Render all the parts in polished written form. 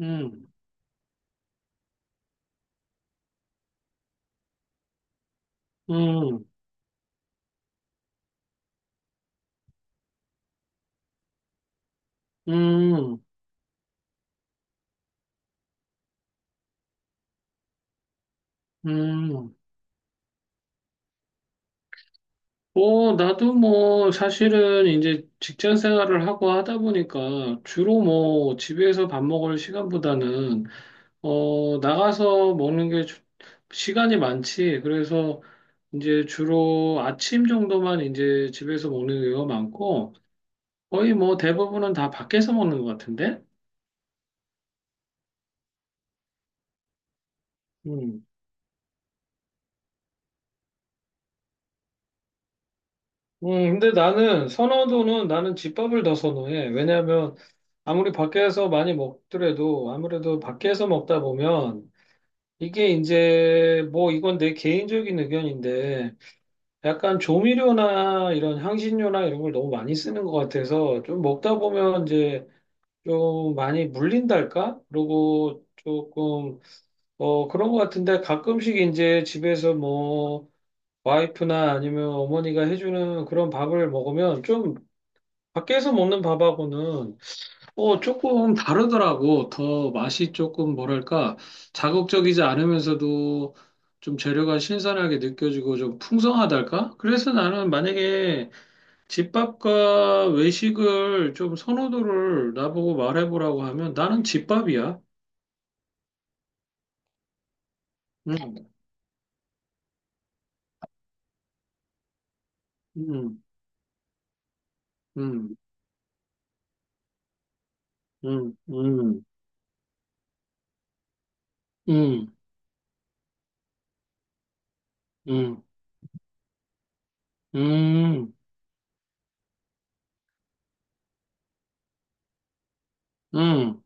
음, 음, 음, 음. 뭐, 나도 뭐, 사실은 이제 직장 생활을 하고 하다 보니까 주로 뭐, 집에서 밥 먹을 시간보다는, 나가서 먹는 게 시간이 많지. 그래서 이제 주로 아침 정도만 이제 집에서 먹는 경우가 많고, 거의 뭐 대부분은 다 밖에서 먹는 것 같은데? 근데 나는 선호도는 나는 집밥을 더 선호해. 왜냐하면 아무리 밖에서 많이 먹더라도 아무래도 밖에서 먹다 보면 이게 이제 뭐 이건 내 개인적인 의견인데 약간 조미료나 이런 향신료나 이런 걸 너무 많이 쓰는 것 같아서 좀 먹다 보면 이제 좀 많이 물린달까? 그리고 조금 그런 것 같은데 가끔씩 이제 집에서 뭐 와이프나 아니면 어머니가 해주는 그런 밥을 먹으면 좀 밖에서 먹는 밥하고는 조금 다르더라고. 더 맛이 조금 뭐랄까, 자극적이지 않으면서도 좀 재료가 신선하게 느껴지고 좀 풍성하달까? 그래서 나는 만약에 집밥과 외식을 좀 선호도를 나보고 말해보라고 하면 나는 집밥이야. 음, 음, 음, 음, 음, 음, 음, 음, 음,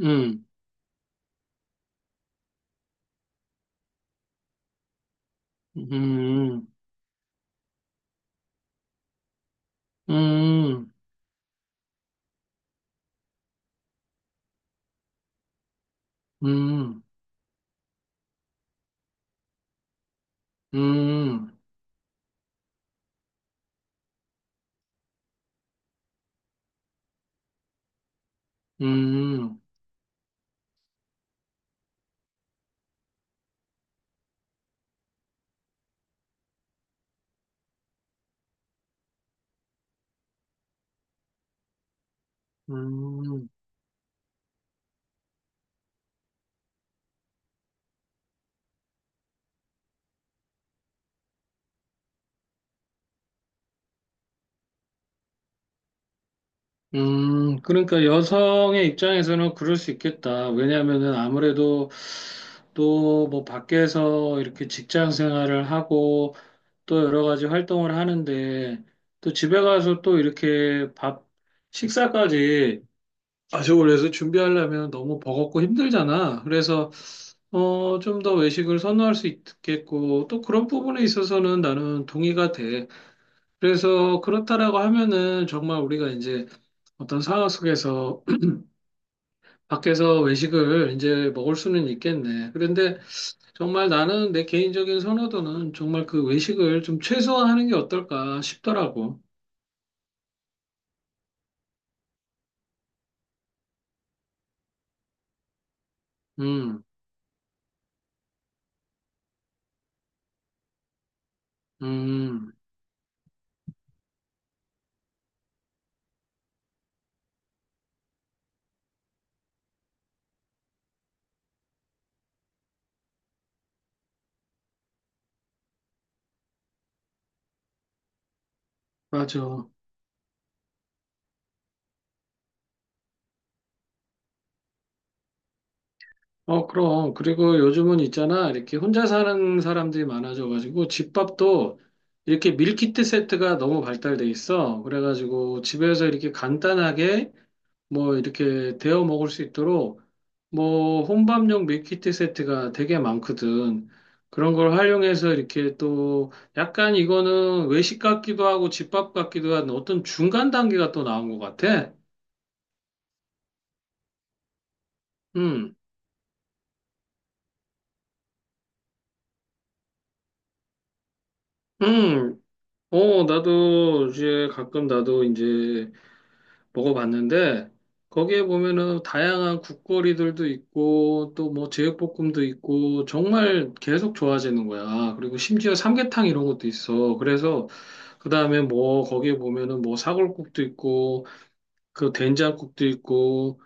음, 음, 음, 음, 음. 음. 음, 음, 그러니까 여성의 입장에서는 그럴 수 있겠다. 왜냐하면은 아무래도 또 뭐 밖에서 이렇게 직장 생활을 하고 또 여러 가지 활동을 하는데 또 집에 가서 또 이렇게 밥, 식사까지 가족을 해서 준비하려면 너무 버겁고 힘들잖아. 그래서 좀 더 외식을 선호할 수 있겠고 또 그런 부분에 있어서는 나는 동의가 돼. 그래서 그렇다라고 하면은 정말 우리가 이제 어떤 상황 속에서 밖에서 외식을 이제 먹을 수는 있겠네. 그런데 정말 나는 내 개인적인 선호도는 정말 그 외식을 좀 최소화하는 게 어떨까 싶더라고. 음, 음, 맞아. 그럼. 그리고 요즘은 있잖아. 이렇게 혼자 사는 사람들이 많아져가지고 집밥도 이렇게 밀키트 세트가 너무 발달돼 있어. 그래가지고 집에서 이렇게 간단하게 뭐 이렇게 데워 먹을 수 있도록 뭐 혼밥용 밀키트 세트가 되게 많거든. 그런 걸 활용해서 이렇게 또 약간 이거는 외식 같기도 하고 집밥 같기도 한 어떤 중간 단계가 또 나온 것 같아. 음, 음, 나도 이제 가끔 나도 이제 먹어봤는데 거기에 보면은 다양한 국거리들도 있고 또 뭐 제육볶음도 있고 정말 계속 좋아지는 거야. 그리고 심지어 삼계탕 이런 것도 있어. 그래서 그다음에 뭐 거기에 보면은 뭐 사골국도 있고 그 된장국도 있고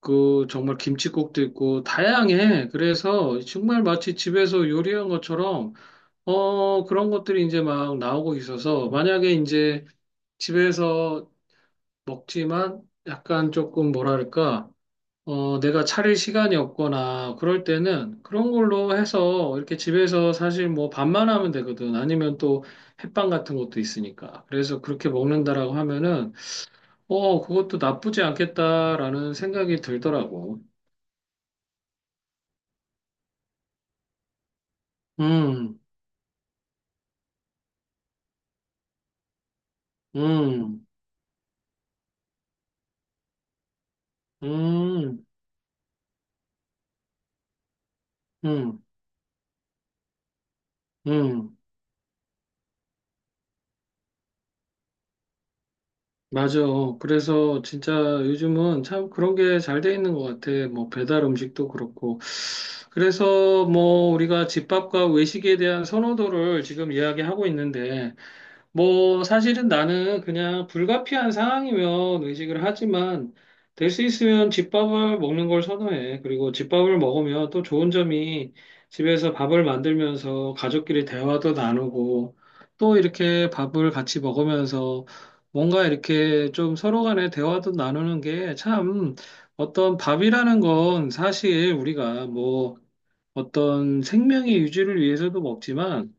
그 정말 김치국도 있고 다양해. 그래서 정말 마치 집에서 요리한 것처럼 그런 것들이 이제 막 나오고 있어서 만약에 이제 집에서 먹지만 약간 조금 뭐랄까, 내가 차릴 시간이 없거나 그럴 때는 그런 걸로 해서 이렇게 집에서 사실 뭐 밥만 하면 되거든. 아니면 또 햇빵 같은 것도 있으니까. 그래서 그렇게 먹는다라고 하면은, 그것도 나쁘지 않겠다라는 생각이 들더라고. 음, 음, 음, 음, 음. 맞아. 그래서 진짜 요즘은 참 그런 게 잘 돼 있는 것 같아. 뭐 배달 음식도 그렇고. 그래서 뭐 우리가 집밥과 외식에 대한 선호도를 지금 이야기하고 있는데 뭐, 사실은 나는 그냥 불가피한 상황이면 의식을 하지만, 될 수 있으면 집밥을 먹는 걸 선호해. 그리고 집밥을 먹으면 또 좋은 점이 집에서 밥을 만들면서 가족끼리 대화도 나누고, 또 이렇게 밥을 같이 먹으면서 뭔가 이렇게 좀 서로 간에 대화도 나누는 게 참 어떤 밥이라는 건 사실 우리가 뭐 어떤 생명의 유지를 위해서도 먹지만,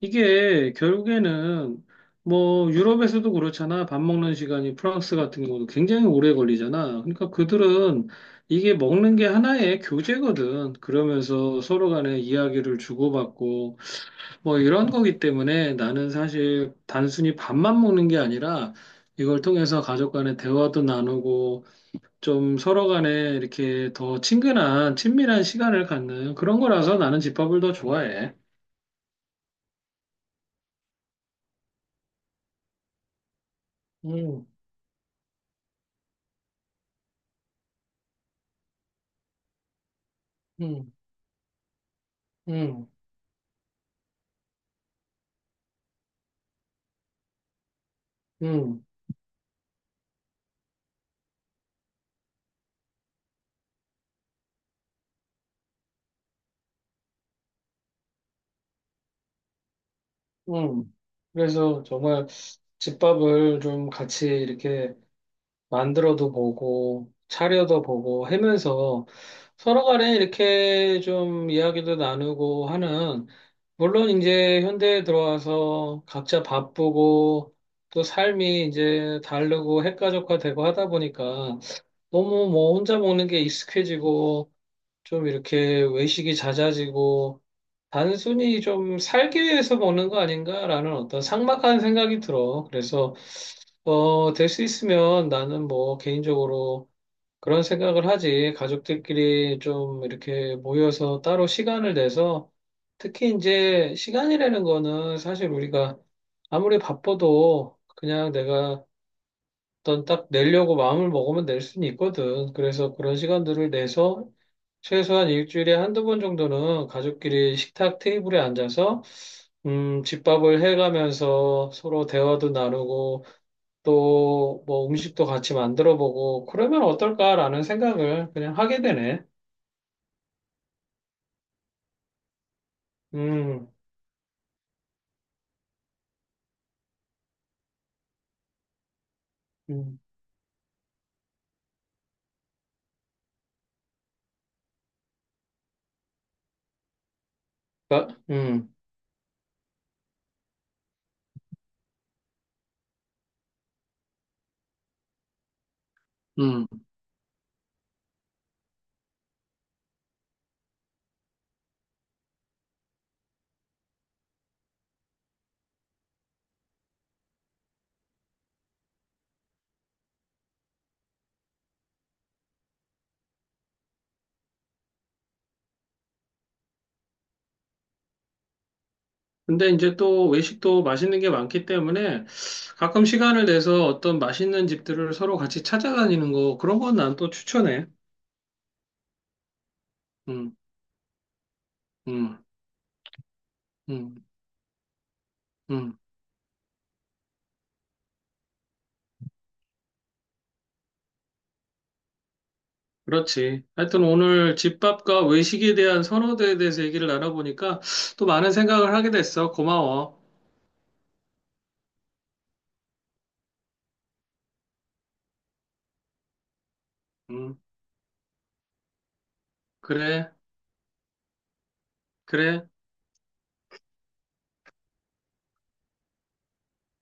이게 결국에는 뭐 유럽에서도 그렇잖아. 밥 먹는 시간이 프랑스 같은 경우도 굉장히 오래 걸리잖아. 그러니까 그들은 이게 먹는 게 하나의 교제거든. 그러면서 서로 간에 이야기를 주고받고 뭐 이런 거기 때문에 나는 사실 단순히 밥만 먹는 게 아니라 이걸 통해서 가족 간의 대화도 나누고 좀 서로 간에 이렇게 더 친근한 친밀한 시간을 갖는 그런 거라서 나는 집밥을 더 좋아해. 음, 음, 음. 음, 음. 그래서 정말 집밥을 좀 같이 이렇게 만들어도 보고, 차려도 보고 하면서 서로 간에 이렇게 좀 이야기도 나누고 하는, 물론 이제 현대에 들어와서 각자 바쁘고, 또 삶이 이제 다르고 핵가족화되고 하다 보니까 너무 뭐 혼자 먹는 게 익숙해지고, 좀 이렇게 외식이 잦아지고, 단순히 좀 살기 위해서 먹는 거 아닌가라는 어떤 삭막한 생각이 들어. 그래서, 될 수 있으면 나는 뭐 개인적으로 그런 생각을 하지. 가족들끼리 좀 이렇게 모여서 따로 시간을 내서 특히 이제 시간이라는 거는 사실 우리가 아무리 바빠도 그냥 내가 일단 딱 내려고 마음을 먹으면 낼 수는 있거든. 그래서 그런 시간들을 내서 최소한 일주일에 한두 번 정도는 가족끼리 식탁 테이블에 앉아서 집밥을 해가면서 서로 대화도 나누고 또 뭐 음식도 같이 만들어 보고 그러면 어떨까라는 생각을 그냥 하게 되네. 음, 음, 나- 음. 음. 근데 이제 또 외식도 맛있는 게 많기 때문에 가끔 시간을 내서 어떤 맛있는 집들을 서로 같이 찾아다니는 거 그런 건 난 또 추천해. 음, 음, 음, 음. 그렇지. 하여튼 오늘 집밥과 외식에 대한 선호도에 대해서 얘기를 나눠보니까 또 많은 생각을 하게 됐어. 고마워. 음, 그래, 그래,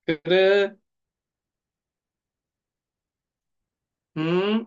그래. 음.